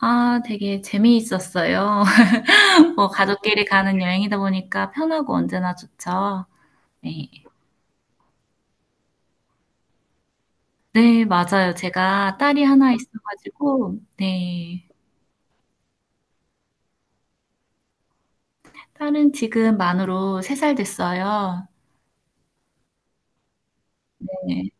아, 되게 재미있었어요. 뭐 가족끼리 가는 여행이다 보니까 편하고 언제나 좋죠. 네. 네, 맞아요. 제가 딸이 하나 있어가지고, 네. 딸은 지금 만으로 3살 됐어요. 네.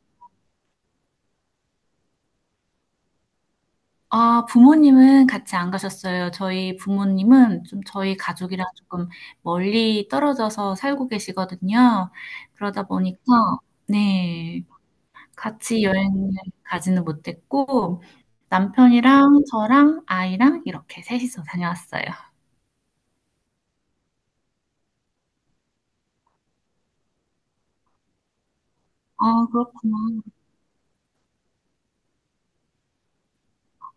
아, 부모님은 같이 안 가셨어요. 저희 부모님은 좀 저희 가족이랑 조금 멀리 떨어져서 살고 계시거든요. 그러다 보니까, 네. 같이 여행을 가지는 못했고, 남편이랑 저랑 아이랑 이렇게 셋이서 다녀왔어요. 아, 그렇구나.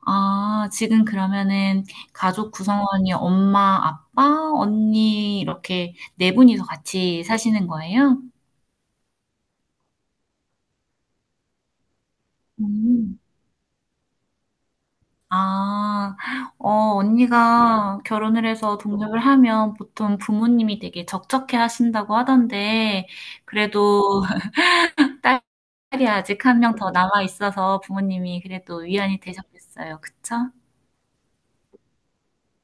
아, 지금 그러면은 가족 구성원이 엄마, 아빠, 언니 이렇게 네 분이서 같이 사시는 거예요? 음. 아, 어, 언니가 결혼을 해서 독립을 하면 보통 부모님이 되게 적적해 하신다고 하던데, 그래도 딸 딸이 아직 한 명 더 남아 있어서 부모님이 그래도 위안이 되셨겠어요. 그쵸?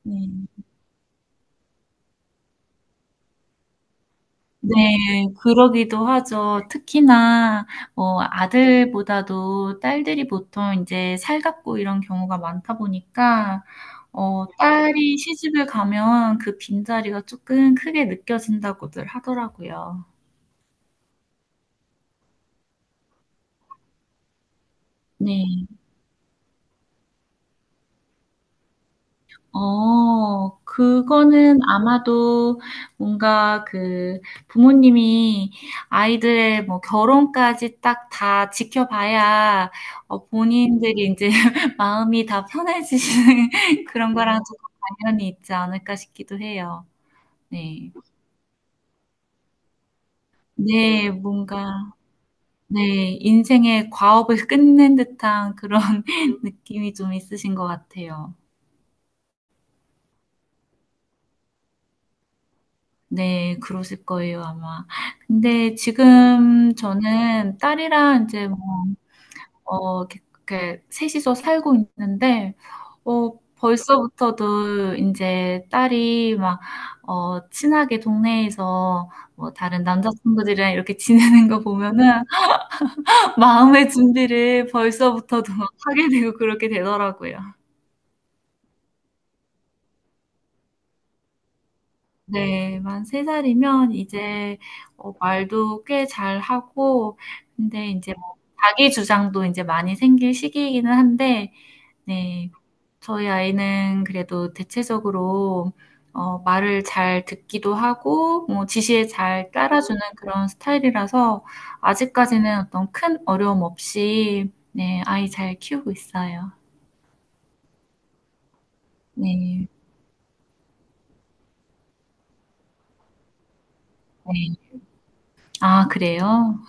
네. 네, 그러기도 하죠. 특히나 뭐 아들보다도 딸들이 보통 인제 살갑고 이런 경우가 많다 보니까 딸이 시집을 가면 그 빈자리가 쪼끔 크게 느껴진다고들 하더라고요. 네. 그거는 아마도 뭔가 그 부모님이 아이들의 뭐 결혼까지 딱 다 지켜봐야 본인들이 이제 마음이 다 편해지시는 그런 거랑 조금 관련이 있지 않을까 싶기도 해요. 네. 네, 뭔가 네, 인생의 과업을 끝낸 듯한 그런 느낌이 좀 있으신 것 같아요. 네. 그러실 거예요 아마. 근데 지금 저는 딸이랑 인제 뭐 이렇게 이렇게 이서 살고 있는데 벌써부터도 인제 딸이 막 친하게 동네에서 뭐 다른 남자 친구들이랑 이렇게 지내는 거 보면은 마음의 준비를 벌써부터도 막 하게 되고 그렇게 되더라고요. 네, 만 3살이면 이제 말도 꽤 잘하고, 근데 이제 뭐 자기 주장도 이제 많이 생길 시기이기는 한데, 네, 저희 아이는 그래도 대체적으로 말을 잘 듣기도 하고, 뭐 지시에 잘 따라주는 그런 스타일이라서 아직까지는 어떤 큰 어려움 없이, 네, 아이 잘 키우고 있어요. 네, 네. 아, 그래요?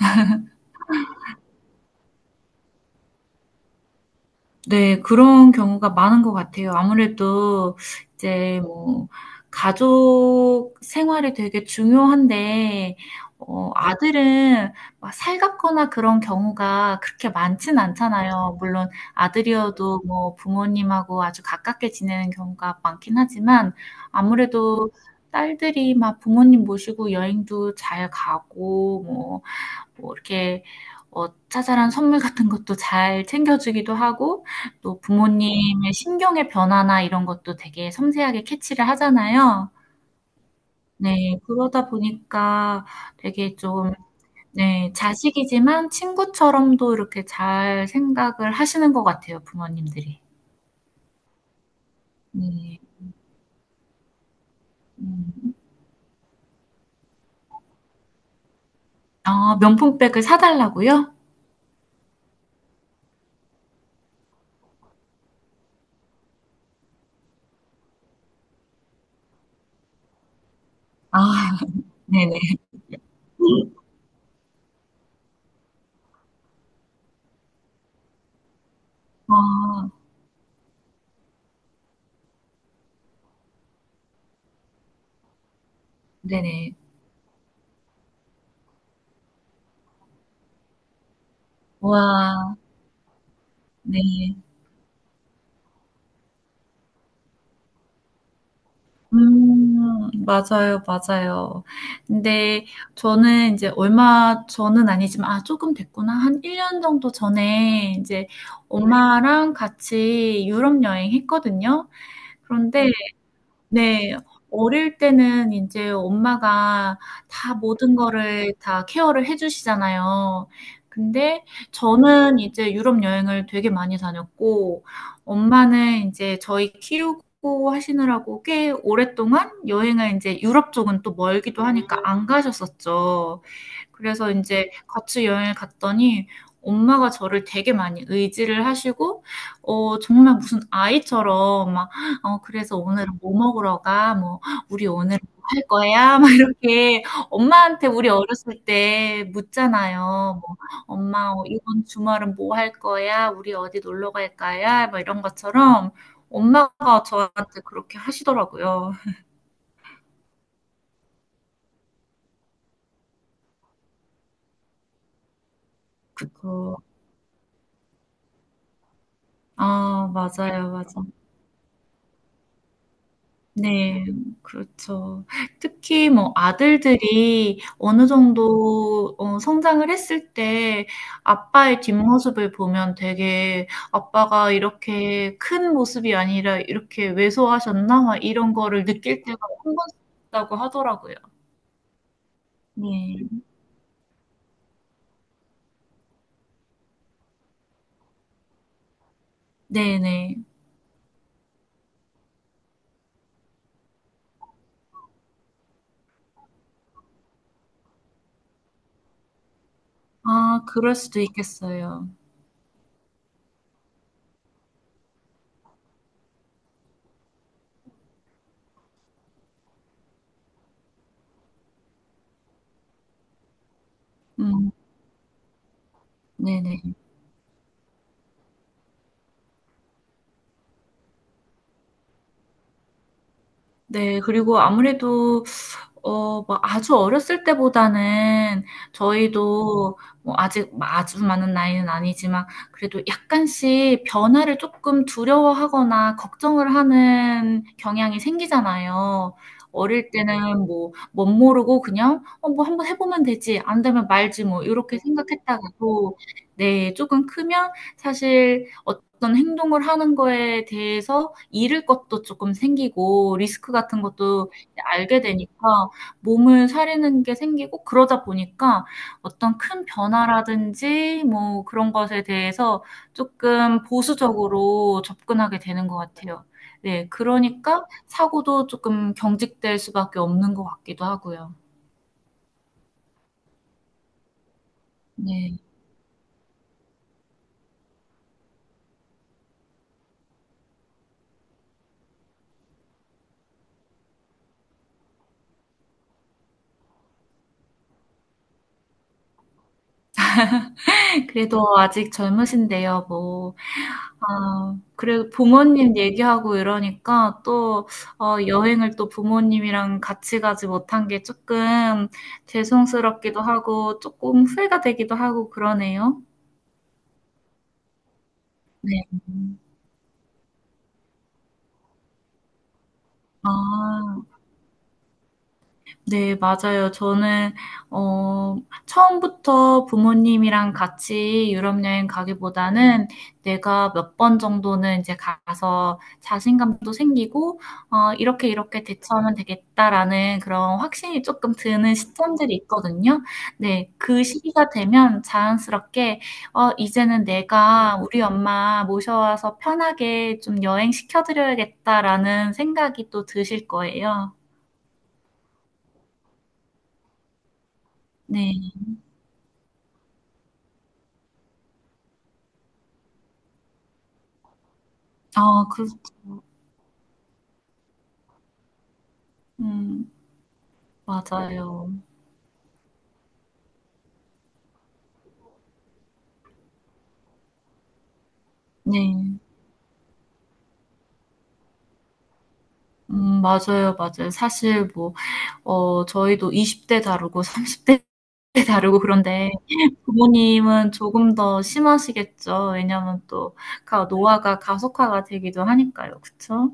네, 그런 경우가 많은 것 같아요. 아무래도 이제 뭐 가족 생활이 되게 중요한데 아들은 막 살갑거나 그런 경우가 그렇게 많진 않잖아요. 물론 아들이어도 뭐 부모님하고 아주 가깝게 지내는 경우가 많긴 하지만 아무래도 딸들이 막 부모님 모시고 여행도 잘 가고 뭐 이렇게 자잘한 선물 같은 것도 잘 챙겨주기도 하고, 또 부모님의 신경의 변화나 이런 것도 되게 섬세하게 캐치를 하잖아요. 네, 그러다 보니까 되게 좀, 네, 자식이지만 친구처럼도 이렇게 잘 생각을 하시는 것 같아요, 부모님들이. 네. 음. 아, 명품백을 사달라고요? 아, 네네. 아, 네네. 와, 네. 음. 맞아요, 맞아요. 근데 저는 이제 얼마 전은 아니지만 아 조금 됐구나. 한 1년 정도 전에 이제 엄마랑 같이 유럽 여행했거든요. 그런데 네. 어릴 때는 인제 엄마가 다 모든 거를 다 케어를 해 주시잖아요. 근데 저는 이제 유럽 여행을 되게 많이 다녔고 엄마는 인제 저희 키우고 하시느라고 꽤 오랫동안 여행을 인제 유럽 쪽은 또 멀기도 하니까 안 가셨었죠. 그래서 이제 같이 여행을 갔더니 엄마가 저를 되게 많이 의지를 하시고 정말 무슨 아이처럼 막 "어 그래서 오늘은 뭐 먹으러 가?" 뭐 "우리 오늘은 뭐 할 거야?" 막 이렇게 엄마한테 우리 어렸을 때 묻잖아요. 뭐 "엄마 어 이번 주말은 뭐 할 거야? 우리 어디 놀러 갈까요?" 막 이런 것처럼 엄마가 저한테 그렇게 하시더라고요. 그쵸. 아 맞아요, 맞아요. 네. 그렇죠. 특히 뭐 아들들이 어느 정도 성장을 했을 때 아빠의 뒷모습을 보면 되게 '아빠가 이렇게 큰 모습이 아니라 이렇게 왜소하셨나?' 막 이런 거를 느낄 때가 한 번씩 있다고 하더라고요. 네. 네네. 아 그럴 수도 있겠어요. 음. 네네. 네, 그리고 아무래도 뭐 아주 어렸을 때보다는 저희도 뭐 아직 뭐 아주 많은 나이는 아니지만 그래도 약간씩 변화를 조금 두려워하거나 걱정을 하는 경향이 생기잖아요. 어릴 때는 뭐, 못 모르고 그냥, 뭐 한번 해보면 되지. 안 되면 말지 뭐, 이렇게 생각했다가도, 네, 조금 크면 사실 어떤 행동을 하는 거에 대해서 잃을 것도 조금 생기고 리스크 같은 것도 이제 알게 되니까 몸을 사리는 게 생기고 그러다 보니까 어떤 큰 변화라든지 뭐 그런 것에 대해서 쪼끔 보수적으로 접근하게 되는 것 같아요. 네. 그러니까 사고도 쪼끔 경직될 수밖에 없는 것 같기도 하고요. 네. 그래도 아직 젊으신데요. 뭐 아, 그래도 부모님 얘기하고 이러니까 또 여행을 또 부모님이랑 같이 가지 못한 게 조금 죄송스럽기도 하고 조금 후회가 되기도 하고 그러네요. 네. 아. 네, 맞아요. 저는, 어, 처음부터 부모님이랑 같이 유럽 여행 가기보다는 내가 몇 번 정도는 이제 가서 자신감도 생기고, 이렇게 이렇게 대처하면 되겠다라는 그런 확신이 조금 드는 시점들이 있거든요. 네, 그 시기가 되면 자연스럽게, 이제는 내가 우리 엄마 모셔와서 편하게 좀 여행시켜드려야겠다라는 생각이 또 드실 거예요. 네. 아, 그렇죠. 음, 맞아요. 네. 맞아요, 맞아요. 사실 뭐, 저희도 20대 다르고 30대 다르고 그런데 부모님은 조금 더 심하시겠죠. 왜냐면 또 노화가 가속화가 되기도 하니까요. 그쵸?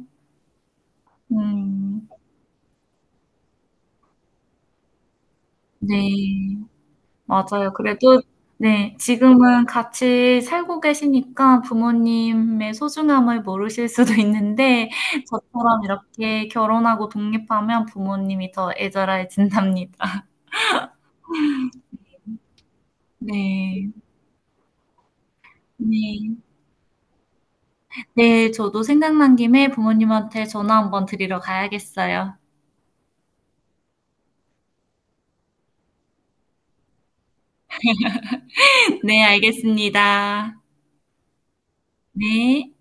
음, 네. 맞아요. 그래도 네, 지금은 같이 살고 계시니까 부모님의 소중함을 모르실 수도 있는데 저처럼 이렇게 결혼하고 독립하면 부모님이 더 애절해진답니다. 네. 네. 네, 저도 생각난 김에 부모님한테 전화 한번 드리러 가야겠어요. 네, 알겠습니다. 네.